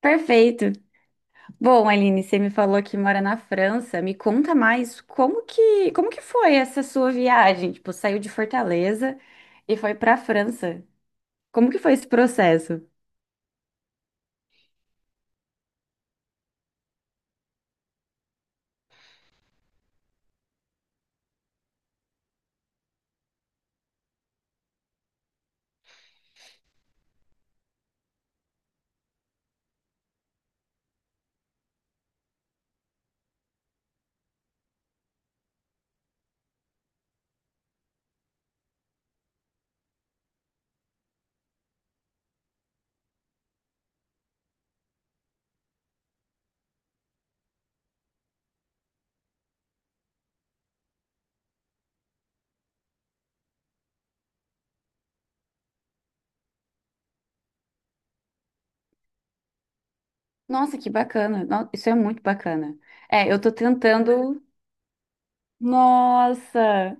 Perfeito. Bom, Aline, você me falou que mora na França. Me conta mais como que foi essa sua viagem? Tipo, saiu de Fortaleza e foi para a França. Como que foi esse processo? Nossa, que bacana. Isso é muito bacana. É, eu tô tentando. Nossa!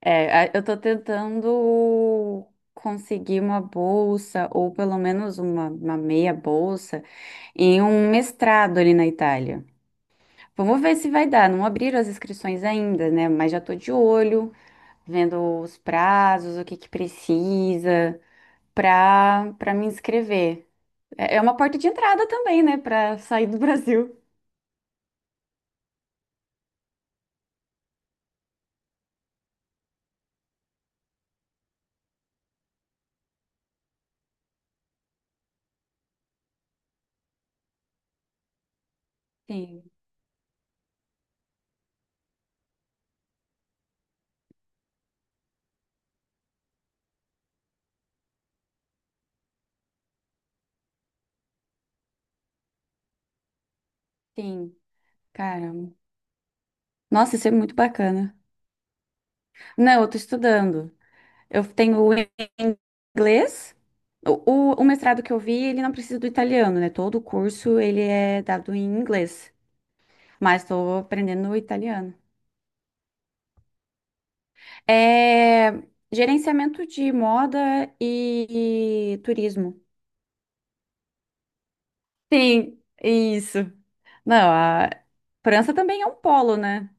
É, eu tô tentando conseguir uma bolsa, ou pelo menos uma meia bolsa, em um mestrado ali na Itália. Vamos ver se vai dar. Não abriram as inscrições ainda, né? Mas já tô de olho, vendo os prazos, o que que precisa para me inscrever. É é uma porta de entrada também, né? Para sair do Brasil. Sim, sim, caramba. Nossa, isso é muito bacana. Não, eu tô estudando. Eu tenho o inglês. O mestrado que eu vi, ele não precisa do italiano, né? Todo o curso ele é dado em inglês, mas estou aprendendo o italiano. É gerenciamento de moda e turismo. Sim, isso. Não, a França também é um polo, né?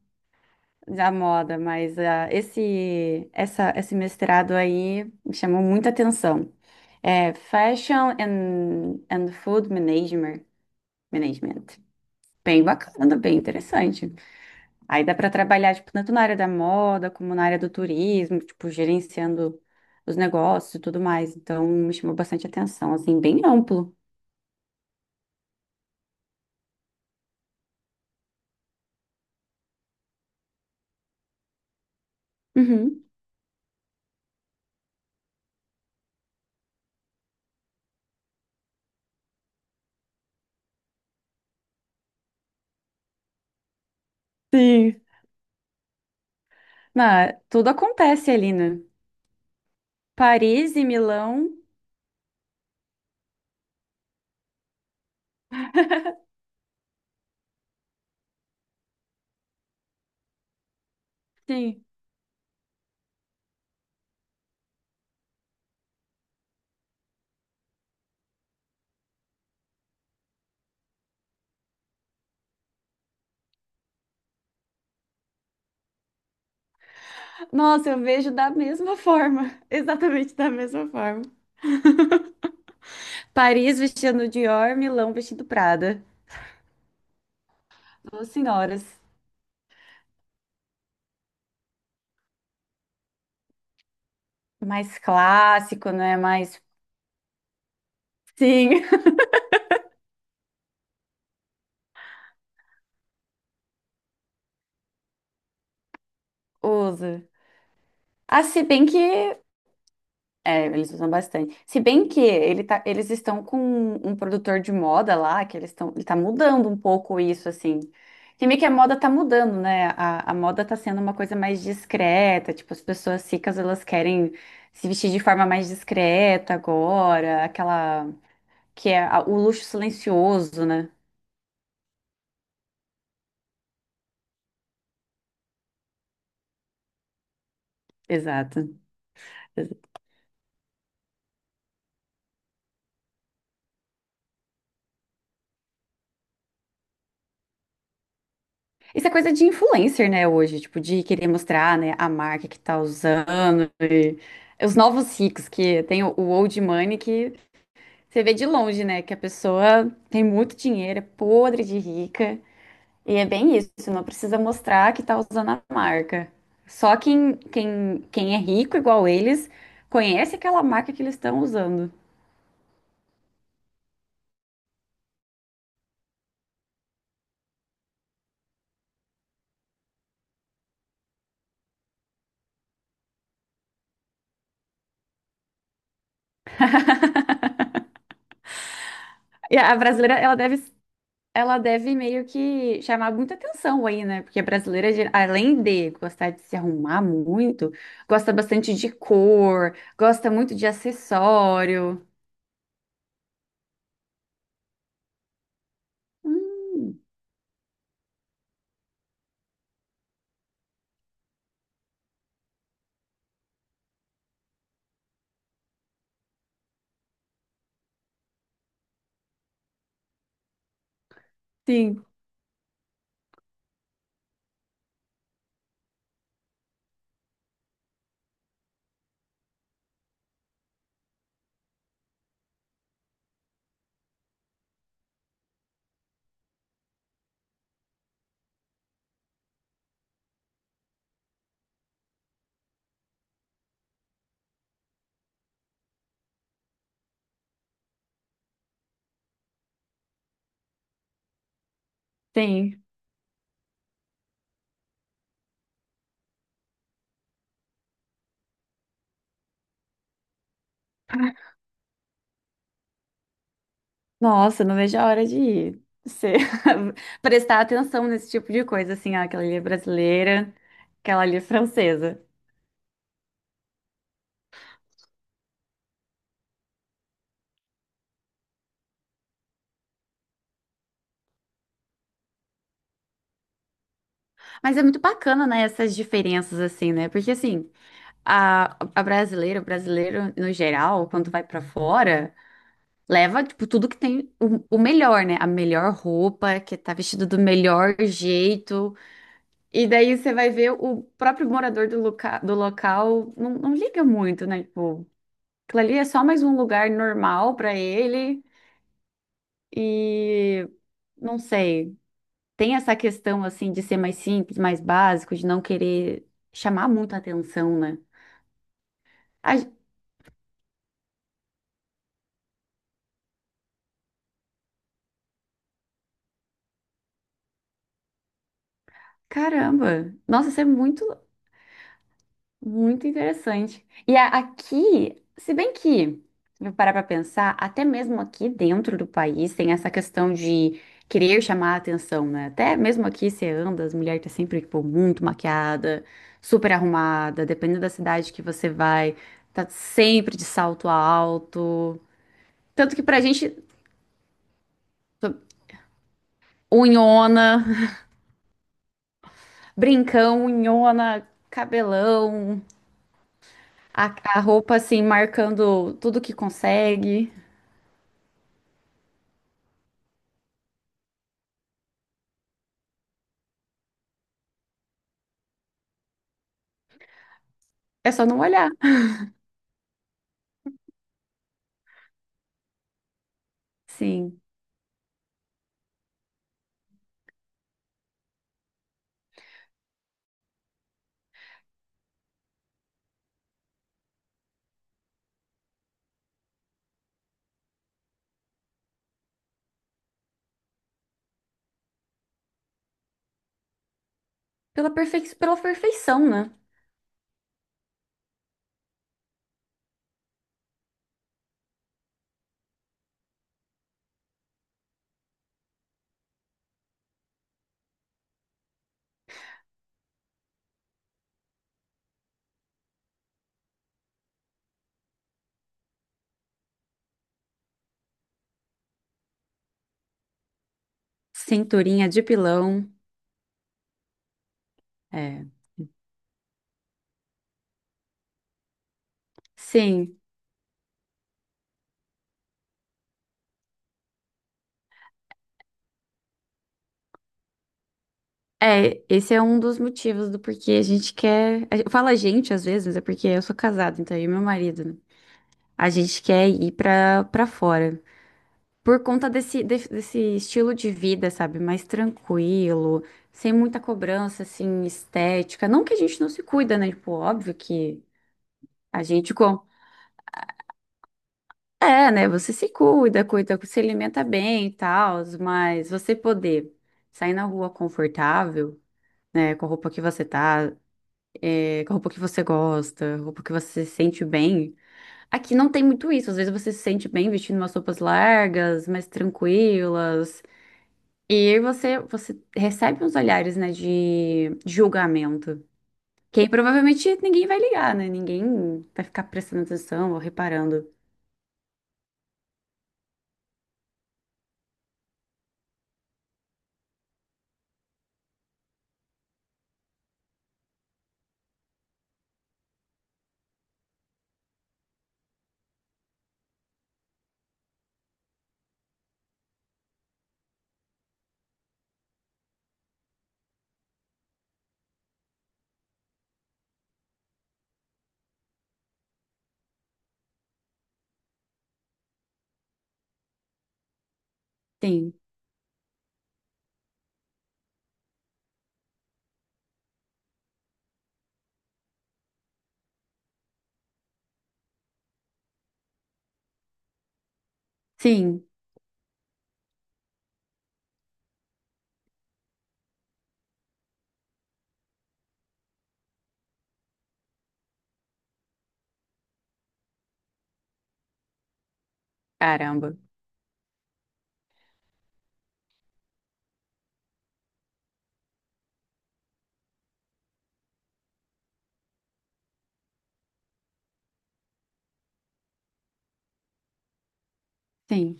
Da moda, mas ah, esse mestrado aí me chamou muita atenção. É Fashion and Food Management. Management. Bem bacana, bem interessante. Aí dá para trabalhar, tipo, tanto na área da moda como na área do turismo, tipo, gerenciando os negócios e tudo mais. Então, me chamou bastante atenção, assim, bem amplo. Uhum. Sim. Não, tudo acontece ali, né? Paris e Milão. Sim. Nossa, eu vejo da mesma forma. Exatamente da mesma forma. Paris vestindo Dior, Milão vestindo Prada. Duas senhoras. Mais clássico, né? Mais. Sim. Usa. Ah, se bem que É, eles usam bastante. Se bem que ele tá, eles estão com um produtor de moda lá, que eles estão, ele tá mudando um pouco isso, assim. Que meio que a moda tá mudando, né? A moda tá sendo uma coisa mais discreta, tipo, as pessoas ricas, elas querem se vestir de forma mais discreta agora, aquela que é o luxo silencioso, né? Exato, isso é coisa de influencer, né, hoje, tipo, de querer mostrar, né, a marca que tá usando e os novos ricos, que tem o old money que você vê de longe, né, que a pessoa tem muito dinheiro, é podre de rica, e é bem isso, não precisa mostrar que tá usando a marca. Só quem é rico igual eles conhece aquela marca que eles estão usando. E a brasileira, ela deve meio que chamar muita atenção aí, né? Porque a brasileira, além de gostar de se arrumar muito, gosta bastante de cor, gosta muito de acessório. Hum, sim, tem. Nossa, não vejo a hora de você prestar atenção nesse tipo de coisa, assim, ó, aquela ali é brasileira, aquela ali é francesa. Mas é muito bacana, né, essas diferenças, assim, né? Porque, assim, a brasileira, o brasileiro, no geral, quando vai pra fora. Leva, tipo, tudo que tem o melhor, né? A melhor roupa, que tá vestido do melhor jeito. E daí você vai ver o próprio morador do, loca do local não, não liga muito, né? Tipo, aquilo ali é só mais um lugar normal pra ele. E não sei, tem essa questão, assim, de ser mais simples, mais básico, de não querer chamar muita atenção, né? Ai, caramba! Nossa, isso é muito muito interessante. E aqui, se bem que, se eu parar para pensar, até mesmo aqui dentro do país tem essa questão de querer chamar a atenção, né? Até mesmo aqui você anda, as mulheres estão sempre, tipo, muito maquiada, super arrumada, dependendo da cidade que você vai, tá sempre de salto alto. Tanto que pra gente, unhona, brincão, unhona, cabelão, a, a roupa assim, marcando tudo que consegue. É só não olhar. Sim. Pela perfeição, né? Cinturinha de pilão. É. Sim. É, esse é um dos motivos do porquê a gente quer. Fala a gente às vezes, mas é porque eu sou casada, então eu e meu marido, né? A gente quer ir pra fora. Por conta desse estilo de vida, sabe? Mais tranquilo, sem muita cobrança, assim, estética. Não que a gente não se cuida, né? Tipo, óbvio que a gente. É, né? Você se cuida, cuida, se alimenta bem e tal, mas você poder sair na rua confortável, né? Com a roupa que você tá, é, com a roupa que você gosta, roupa que você se sente bem. Aqui não tem muito isso. Às vezes você se sente bem vestindo umas roupas largas, mais tranquilas. E aí você, você recebe uns olhares, né, de julgamento. Que aí provavelmente ninguém vai ligar, né? Ninguém vai ficar prestando atenção ou reparando. Sim, sim, caramba. Sim.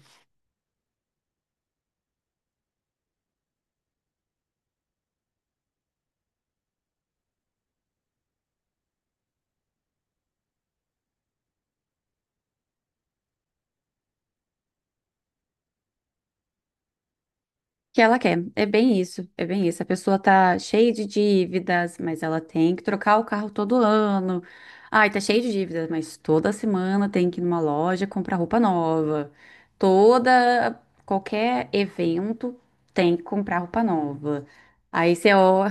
Que ela quer. É bem isso, é bem isso. A pessoa tá cheia de dívidas, mas ela tem que trocar o carro todo ano. Ai, tá cheia de dívidas, mas toda semana tem que ir numa loja comprar roupa nova. Toda, qualquer evento tem que comprar roupa nova. Aí você, ó,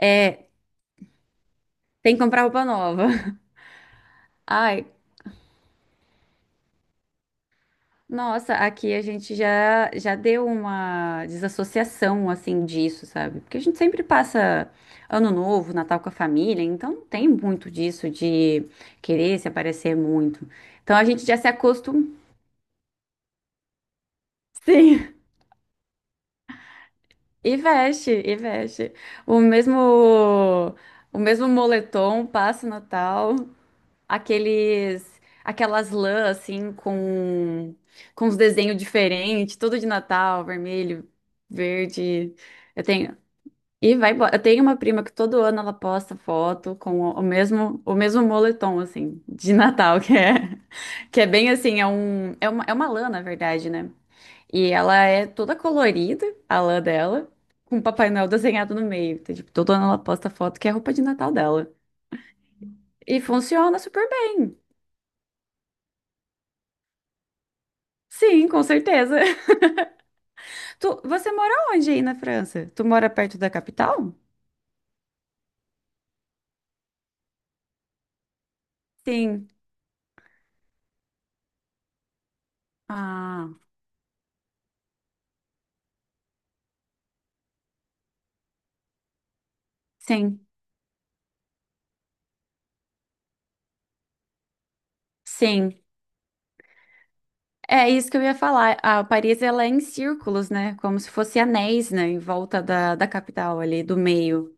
é, tem que comprar roupa nova. Ai, nossa, aqui a gente já deu uma desassociação assim disso, sabe? Porque a gente sempre passa Ano Novo, Natal com a família, então não tem muito disso de querer se aparecer muito. Então a gente já se acostuma. Sim, e veste, e veste. O mesmo o mesmo moletom passa o Natal. Aqueles aquelas lãs assim com os desenhos diferentes, tudo de Natal, vermelho, verde. Eu tenho E vai embora. Eu tenho uma prima que todo ano ela posta foto com o mesmo moletom assim de Natal, que é bem assim, é um é uma lã na verdade, né? E ela é toda colorida, a lã dela. Com o Papai Noel desenhado no meio. Então, tipo, todo ano ela posta foto que é a roupa de Natal dela. E funciona super bem. Sim, com certeza. Tu, você mora onde aí na França? Tu mora perto da capital? Sim. Ah, sim, sim. É isso que eu ia falar. A Paris, ela é em círculos, né? Como se fosse anéis, né? Em volta da capital ali, do meio.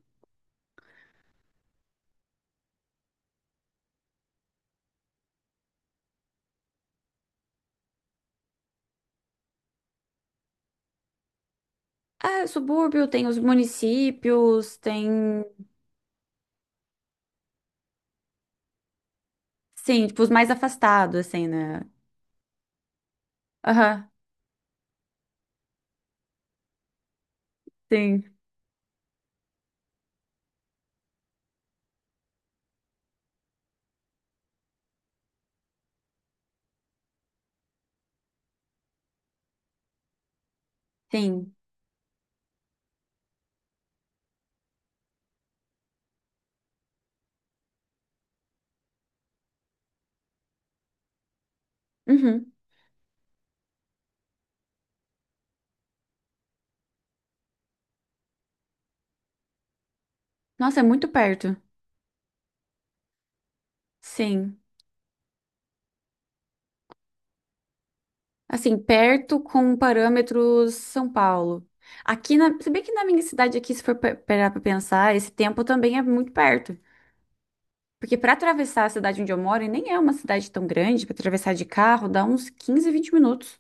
É, subúrbio, tem os municípios, tem... Sim, tipo, os mais afastados, assim, né? Aham, sim. Sim. Uhum. Nossa, é muito perto. Sim. Assim, perto com parâmetros São Paulo. Aqui na, se bem que na minha cidade aqui, se for parar pra pensar, esse tempo também é muito perto. Porque para atravessar a cidade onde eu moro, e nem é uma cidade tão grande, para atravessar de carro dá uns 15, 20 minutos.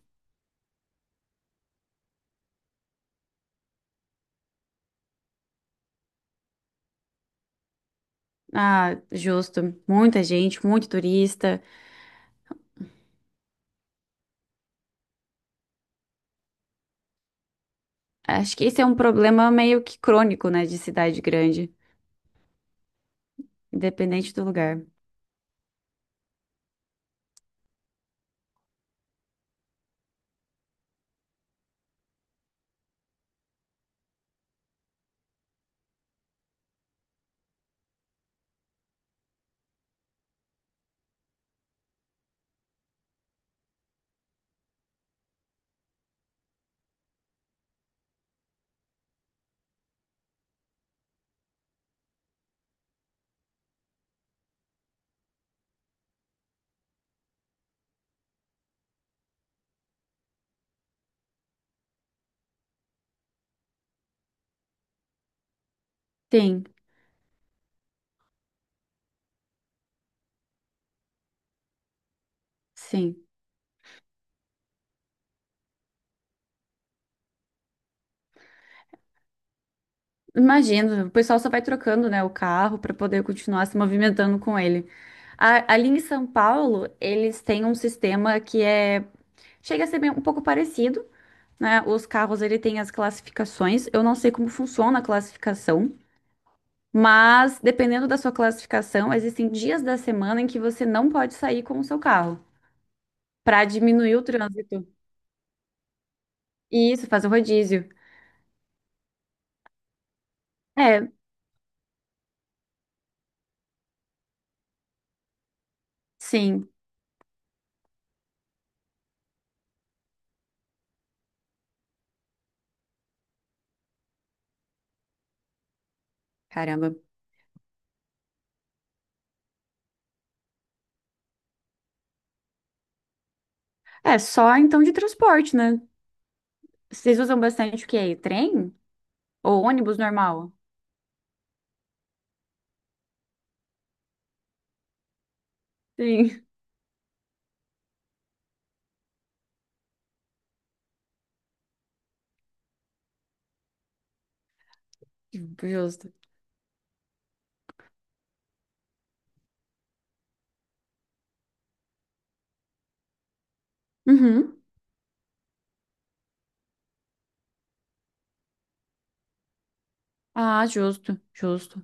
Ah, justo. Muita gente, muito turista. Acho que esse é um problema meio que crônico, né, de cidade grande, independente do lugar. Sim, sim. Imagino, o pessoal só vai trocando, né, o carro para poder continuar se movimentando com ele. Ali em São Paulo, eles têm um sistema que é chega a ser um pouco parecido, né? Os carros ele tem as classificações. Eu não sei como funciona a classificação, mas dependendo da sua classificação, existem dias da semana em que você não pode sair com o seu carro para diminuir o trânsito. E isso faz o rodízio. É, sim. Caramba. É só então de transporte, né? Vocês usam bastante o quê? Trem ou ônibus normal? Sim, justo. Uhum. Ah, justo, justo.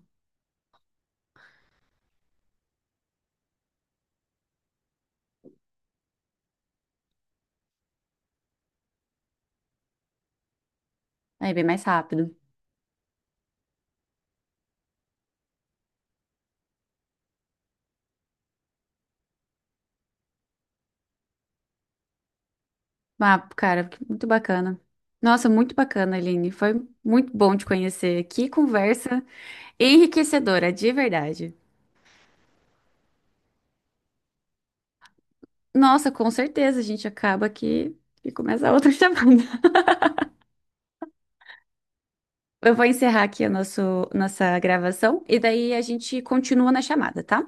Aí bem mais rápido. Ah, cara, que muito bacana. Nossa, muito bacana, Aline. Foi muito bom te conhecer. Que conversa enriquecedora, de verdade. Nossa, com certeza a gente acaba aqui e começa outra chamada. Eu vou encerrar aqui a nosso, nossa gravação e daí a gente continua na chamada, tá?